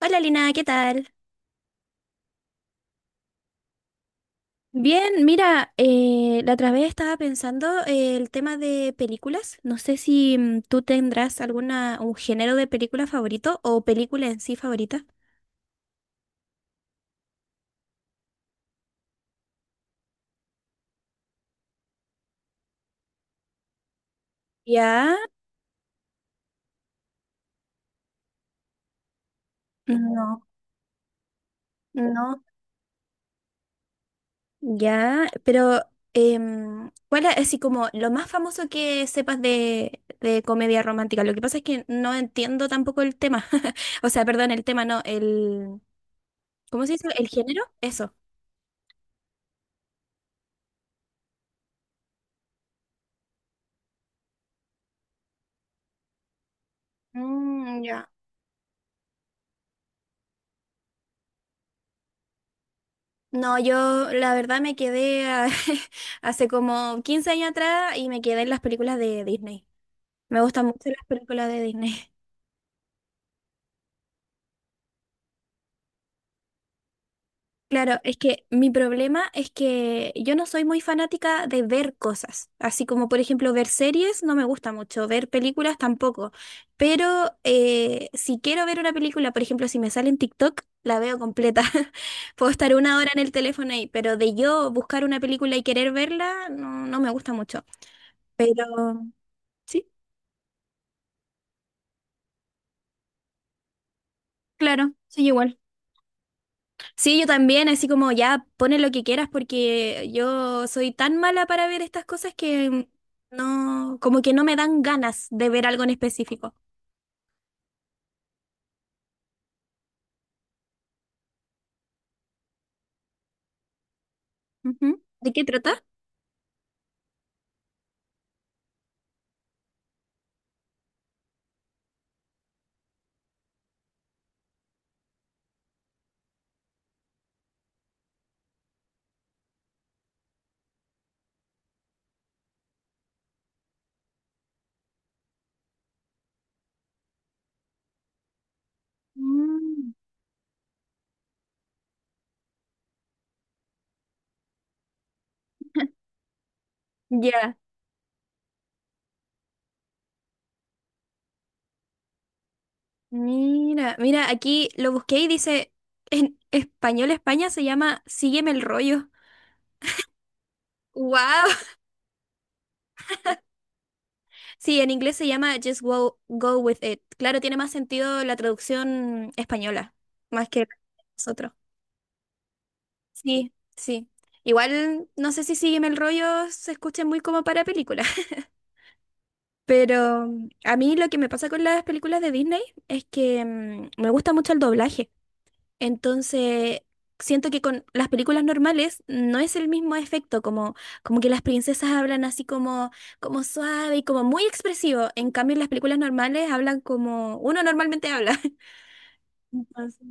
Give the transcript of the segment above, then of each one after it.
Hola Lina, ¿qué tal? Bien, mira, la otra vez estaba pensando el tema de películas. No sé si tú tendrás alguna, un género de película favorito o película en sí favorita. Ya, no, no, ya, pero ¿cuál es así como lo más famoso que sepas de comedia romántica? Lo que pasa es que no entiendo tampoco el tema. O sea, perdón, el tema no, el, ¿cómo se dice? ¿El género? Eso. Mm, ya. No, yo la verdad me quedé hace como 15 años atrás y me quedé en las películas de Disney. Me gustan mucho las películas de Disney. Claro, es que mi problema es que yo no soy muy fanática de ver cosas, así como por ejemplo ver series no me gusta mucho, ver películas tampoco, pero si quiero ver una película, por ejemplo, si me sale en TikTok, la veo completa. Puedo estar una hora en el teléfono ahí, pero de yo buscar una película y querer verla, no, no me gusta mucho. Pero sí, claro, soy igual. Sí, yo también, así como ya pone lo que quieras porque yo soy tan mala para ver estas cosas que no, como que no me dan ganas de ver algo en específico. Ujú. ¿De qué trata? Mm, ya. Mira, mira, aquí lo busqué y dice, en español España se llama Sígueme el rollo. ¡Wow! Sí, en inglés se llama Just Go, Go With It. Claro, tiene más sentido la traducción española, más que nosotros. Sí, sí. Igual no sé si Sígueme el rollo se escuche muy como para película, pero a mí lo que me pasa con las películas de Disney es que me gusta mucho el doblaje. Entonces, siento que con las películas normales no es el mismo efecto, como, como, que las princesas hablan así como suave y como muy expresivo. En cambio, en las películas normales hablan como uno normalmente habla. Entonces,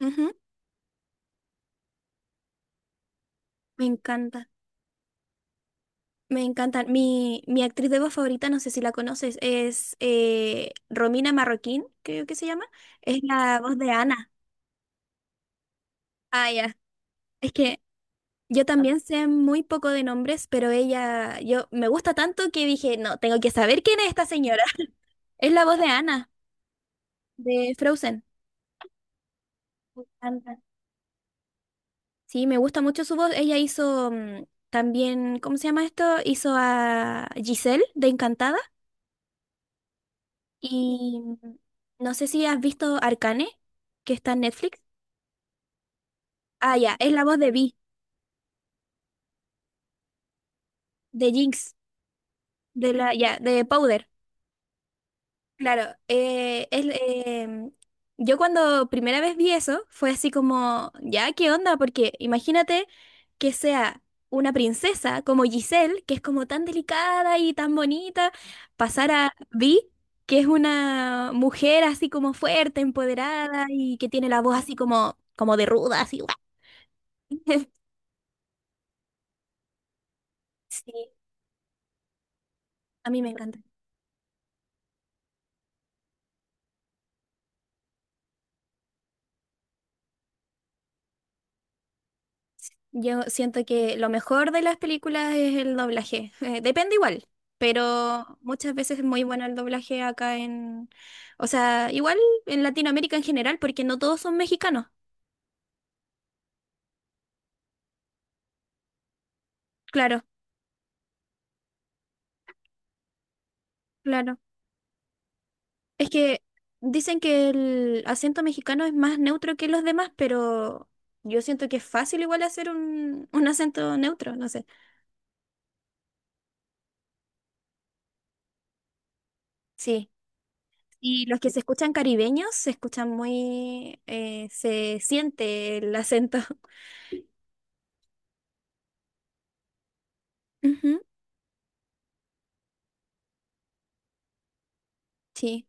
ujú, me encanta. Me encantan. Mi actriz de voz favorita, no sé si la conoces, es Romina Marroquín, creo que se llama. Es la voz de Ana. Ah, ya. Es que yo también sé muy poco de nombres, pero ella, yo me gusta tanto que dije, no, tengo que saber quién es esta señora. Es la voz de Ana, de Frozen. Me encanta. Sí, me gusta mucho su voz. Ella hizo también, ¿cómo se llama esto? Hizo a Giselle de Encantada. Y no sé si has visto Arcane, que está en Netflix. Ah, ya, es la voz de Vi, de Jinx, ya, de Powder. Claro, yo cuando primera vez vi eso fue así como, ya, ¿qué onda? Porque imagínate que sea una princesa como Giselle, que es como tan delicada y tan bonita, pasar a Vi, que es una mujer así como fuerte, empoderada y que tiene la voz así como, de ruda, así. Sí, a mí me encanta. Yo siento que lo mejor de las películas es el doblaje. Depende igual, pero muchas veces es muy bueno el doblaje acá en, o sea, igual en Latinoamérica en general, porque no todos son mexicanos. Claro, claro. Es que dicen que el acento mexicano es más neutro que los demás, pero yo siento que es fácil igual hacer un acento neutro, no sé. Sí. Y los que se escuchan caribeños se escuchan se siente el acento. Ujú. Sí.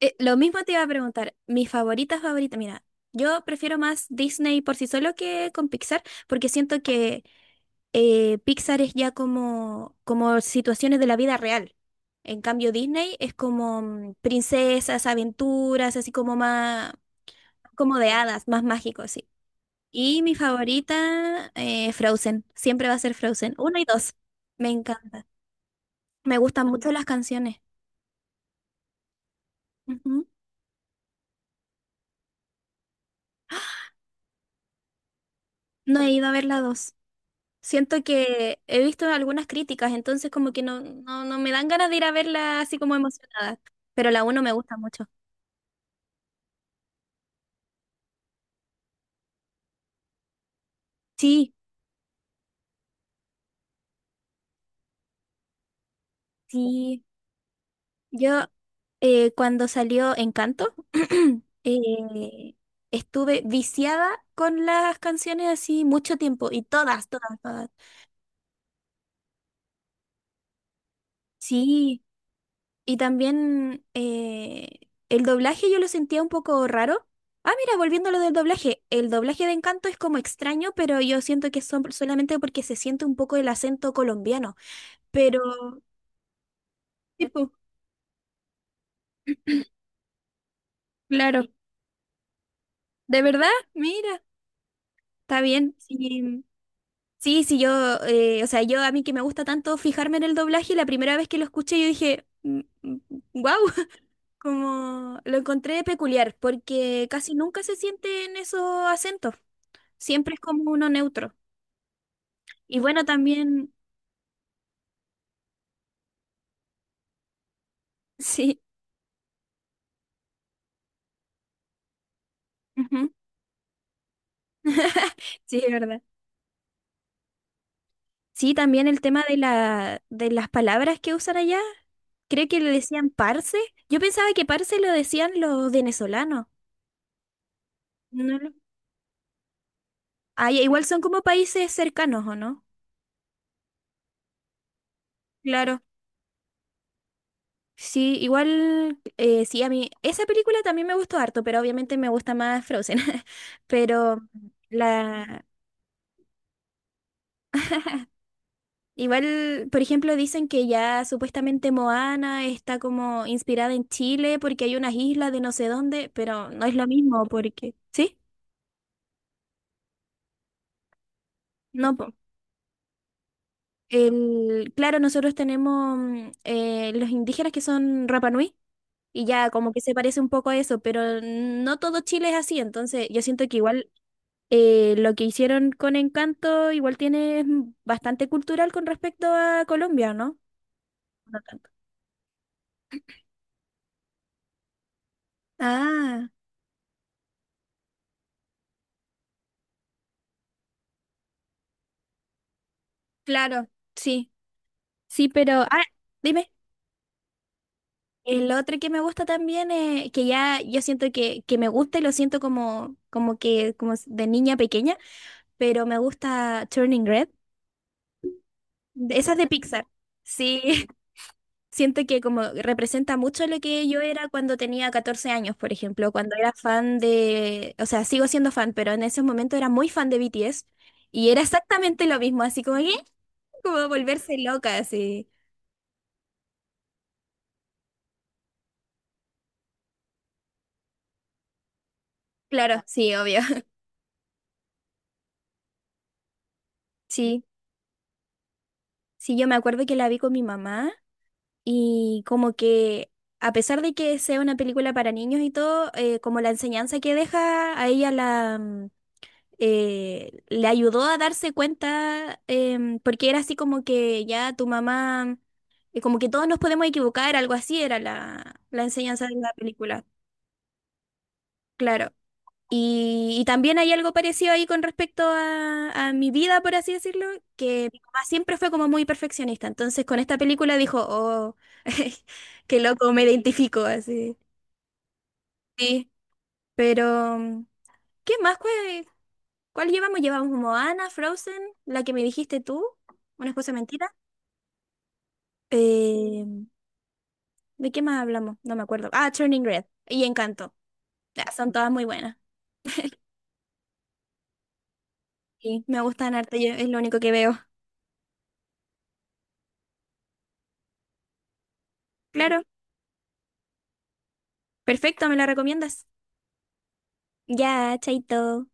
Lo mismo te iba a preguntar, mi favorita favorita, mira, yo prefiero más Disney por sí solo que con Pixar, porque siento que Pixar es ya como situaciones de la vida real. En cambio, Disney es como princesas, aventuras, así como más, como de hadas, más mágico, sí. Y mi favorita, Frozen, siempre va a ser Frozen, uno y dos, me encanta. Me gustan mucho las canciones. Ujú. No he ido a ver la dos. Siento que he visto algunas críticas, entonces como que no, no, no me dan ganas de ir a verla así como emocionada, pero la uno me gusta mucho. Sí, sí. Yo cuando salió Encanto, eh, estuve viciada con las canciones así mucho tiempo y todas, todas, todas. Sí. Y también el doblaje yo lo sentía un poco raro. Ah, mira, volviendo a lo del doblaje. El doblaje de Encanto es como extraño, pero yo siento que son solamente porque se siente un poco el acento colombiano. Pero, tipo, claro. ¿De verdad? Mira, está bien. Sí, sí, sí, o sea, yo a mí que me gusta tanto fijarme en el doblaje, la primera vez que lo escuché yo dije, wow, como lo encontré peculiar, porque casi nunca se sienten esos acentos. Siempre es como uno neutro. Y bueno, también, sí, ujú, sí, es verdad. Sí, también el tema de las palabras que usan allá. Creo que le decían parce. Yo pensaba que parce lo decían los venezolanos. No lo... Ah, ya, igual son como países cercanos, ¿o no? Claro. Sí, igual, sí, a mí, esa película también me gustó harto, pero obviamente me gusta más Frozen. Pero la, igual, por ejemplo, dicen que ya supuestamente Moana está como inspirada en Chile porque hay unas islas de no sé dónde, pero no es lo mismo porque, ¿sí? No, po. Claro, nosotros tenemos los indígenas que son Rapa Nui y ya como que se parece un poco a eso, pero no todo Chile es así, entonces yo siento que igual lo que hicieron con Encanto igual tiene bastante cultural con respecto a Colombia, ¿no? No tanto. Ah, claro, sí. Sí, pero, ah, dime, el otro que me gusta también es que ya yo siento que, me gusta y lo siento como que como de niña pequeña, pero me gusta Turning Red. Esa es de Pixar. Sí, siento que como representa mucho lo que yo era cuando tenía 14 años, por ejemplo, cuando era fan o sea, sigo siendo fan, pero en ese momento era muy fan de BTS y era exactamente lo mismo, así como, ¿eh? como volverse loca, así. Claro, sí, obvio. Sí, sí, yo me acuerdo que la vi con mi mamá y como que, a pesar de que sea una película para niños y todo, como la enseñanza que deja a ella le ayudó a darse cuenta, porque era así como que ya tu mamá, como que todos nos podemos equivocar, algo así era la, enseñanza de la película. Claro. Y también hay algo parecido ahí con respecto a mi vida, por así decirlo, que mi mamá siempre fue como muy perfeccionista. Entonces con esta película dijo, oh, qué loco, me identifico así. Sí, pero ¿qué más? ¿Cuál llevamos? Llevamos Moana, Frozen, la que me dijiste tú, una esposa mentira. Eh, ¿De qué más hablamos? No me acuerdo. Ah, Turning Red y Encanto. Ya, son todas muy buenas. Sí, me gustan harto, es lo único que veo. Claro, perfecto, ¿me la recomiendas? Ya, chaito.